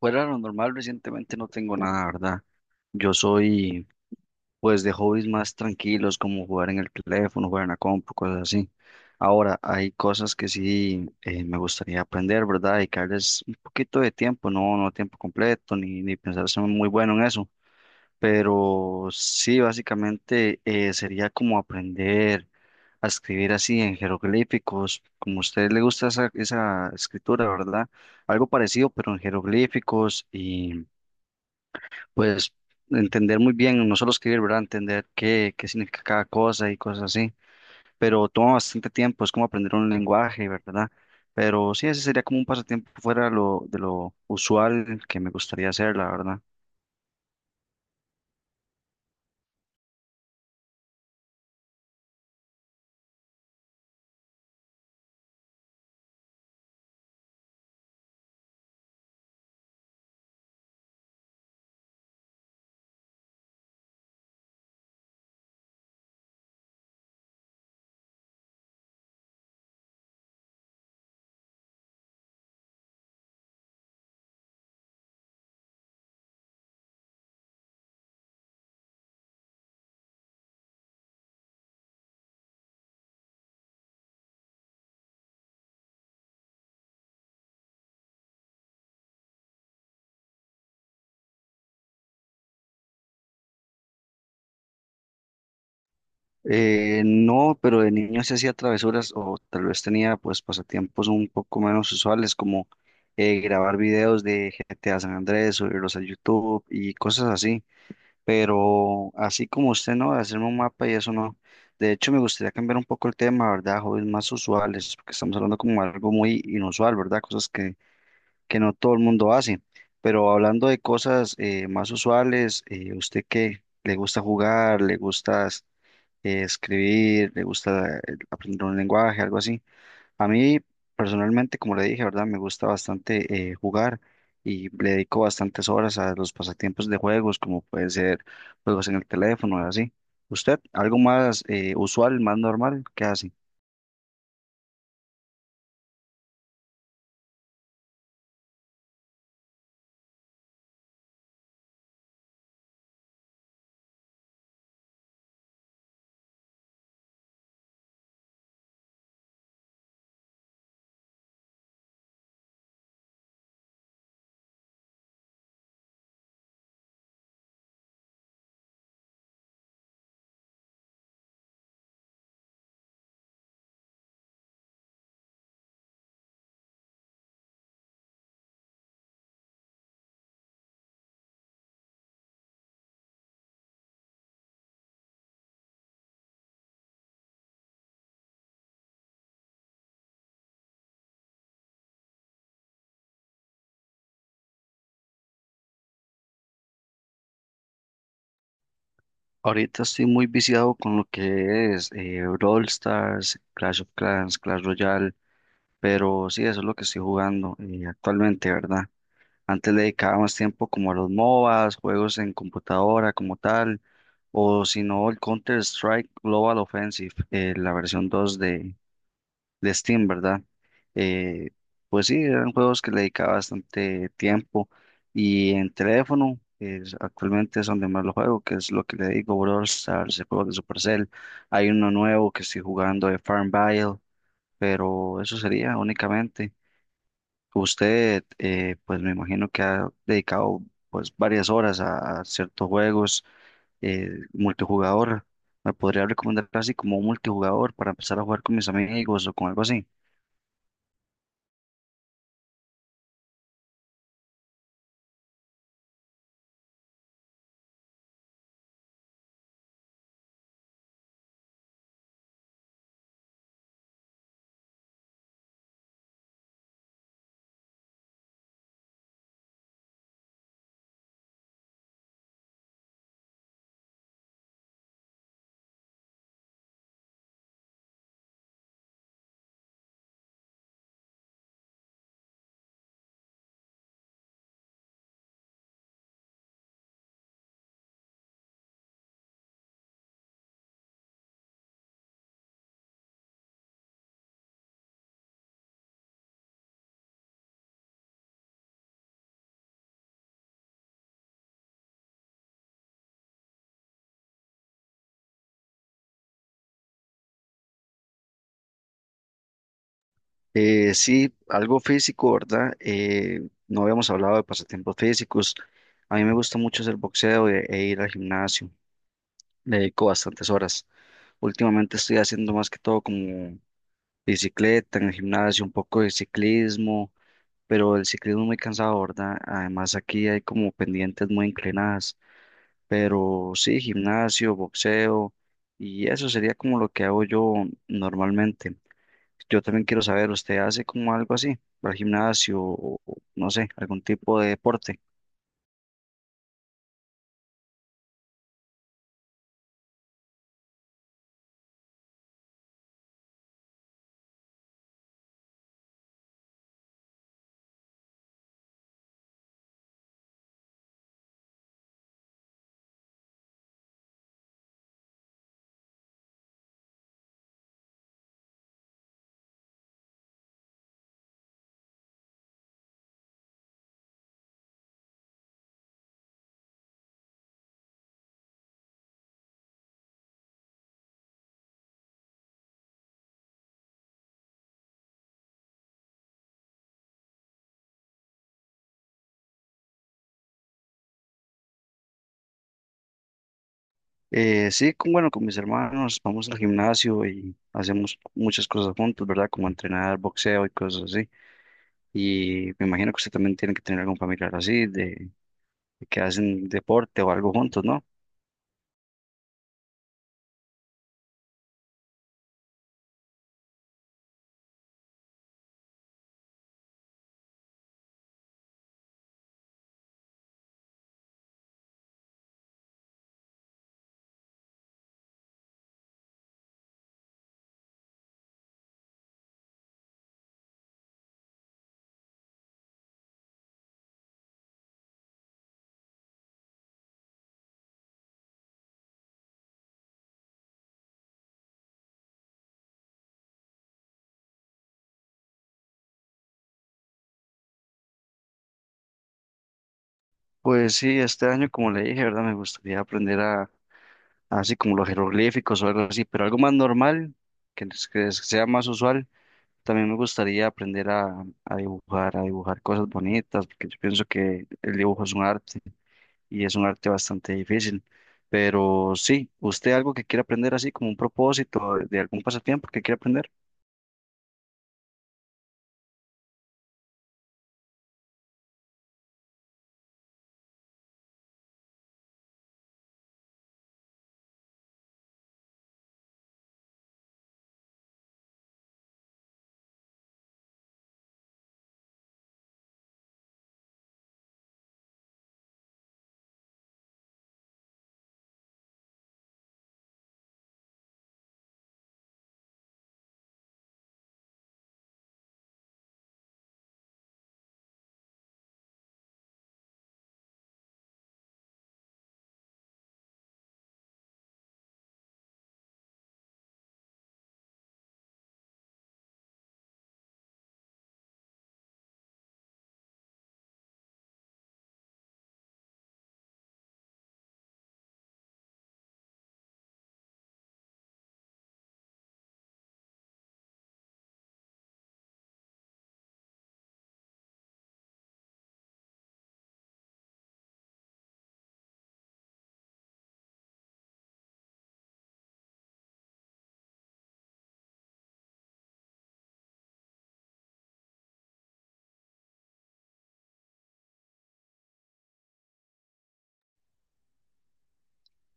Fuera de lo normal, recientemente no tengo nada, ¿verdad? Yo soy, pues, de hobbies más tranquilos, como jugar en el teléfono, jugar en la compu, cosas así. Ahora, hay cosas que sí me gustaría aprender, ¿verdad? Dedicarles un poquito de tiempo, no, no tiempo completo, ni pensar ser muy bueno en eso. Pero sí, básicamente sería como aprender a escribir así en jeroglíficos, como a usted le gusta esa escritura, ¿verdad? Algo parecido, pero en jeroglíficos y pues entender muy bien, no solo escribir, ¿verdad? Entender qué significa cada cosa y cosas así, pero toma bastante tiempo, es como aprender un lenguaje, ¿verdad? Pero sí, ese sería como un pasatiempo fuera de lo usual que me gustaría hacer, la verdad. No, pero de niño sí hacía travesuras o tal vez tenía pues pasatiempos un poco menos usuales como grabar videos de GTA San Andrés, subirlos a YouTube y cosas así. Pero así como usted no, de hacerme un mapa y eso no. De hecho, me gustaría cambiar un poco el tema, ¿verdad? Hobbies más usuales, porque estamos hablando como algo muy inusual, ¿verdad? Cosas que no todo el mundo hace. Pero hablando de cosas más usuales, ¿usted qué? ¿Le gusta jugar? ¿Le gusta escribir? ¿Le gusta aprender un lenguaje? Algo así. A mí personalmente, como le dije, ¿verdad? Me gusta bastante jugar y le dedico bastantes horas a los pasatiempos de juegos, como pueden ser juegos en el teléfono y así. ¿Usted algo más usual, más normal? ¿Qué hace? Ahorita estoy muy viciado con lo que es Brawl Stars, Clash of Clans, Clash Royale, pero sí, eso es lo que estoy jugando actualmente, ¿verdad? Antes le dedicaba más tiempo como a los MOBAs, juegos en computadora como tal, o si no, el Counter-Strike Global Offensive, la versión 2 de Steam, ¿verdad? Eh, pues sí, eran juegos que le dedicaba bastante tiempo y en teléfono, actualmente es donde más lo juego, que es lo que le digo, Brawl Stars, el juego de Supercell. Hay uno nuevo que estoy jugando de Farmville, pero eso sería únicamente. Usted, pues me imagino que ha dedicado pues varias horas a ciertos juegos multijugador. ¿Me podría recomendar así como un multijugador para empezar a jugar con mis amigos o con algo así? Sí, algo físico, ¿verdad? No habíamos hablado de pasatiempos físicos. A mí me gusta mucho hacer boxeo e ir al gimnasio. Le dedico bastantes horas. Últimamente estoy haciendo más que todo como bicicleta en el gimnasio, un poco de ciclismo pero el ciclismo es muy cansado, ¿verdad? Además aquí hay como pendientes muy inclinadas, pero sí, gimnasio, boxeo, y eso sería como lo que hago yo normalmente. Yo también quiero saber, ¿usted hace como algo así, va al gimnasio o no sé, algún tipo de deporte? Sí, con, bueno, con mis hermanos vamos al gimnasio y hacemos muchas cosas juntos, ¿verdad? Como entrenar, boxeo y cosas así. Y me imagino que usted también tiene que tener algún familiar así, de que hacen deporte o algo juntos, ¿no? Pues sí, este año, como le dije, ¿verdad? Me gustaría aprender a, así como los jeroglíficos o algo así, pero algo más normal, que sea más usual. También me gustaría aprender a dibujar cosas bonitas, porque yo pienso que el dibujo es un arte y es un arte bastante difícil. Pero sí, ¿usted algo que quiere aprender así como un propósito de algún pasatiempo que quiere aprender?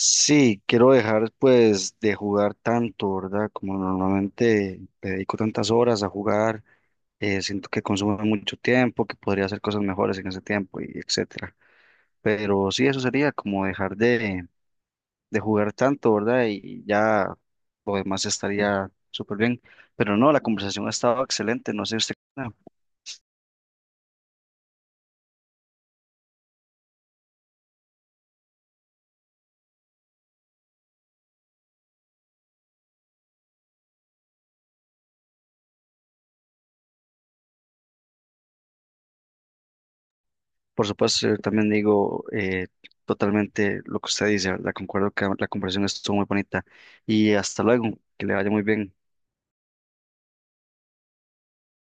Sí, quiero dejar pues de jugar tanto, ¿verdad? Como normalmente le dedico tantas horas a jugar siento que consume mucho tiempo, que podría hacer cosas mejores en ese tiempo y etcétera. Pero sí, eso sería como dejar de jugar tanto, ¿verdad? Y ya lo demás estaría súper bien. Pero no, la conversación ha estado excelente, no sé usted qué opina. Por supuesto, yo también digo totalmente lo que usted dice, ¿verdad? Concuerdo que la conversación estuvo muy bonita. Y hasta luego, que le vaya muy bien.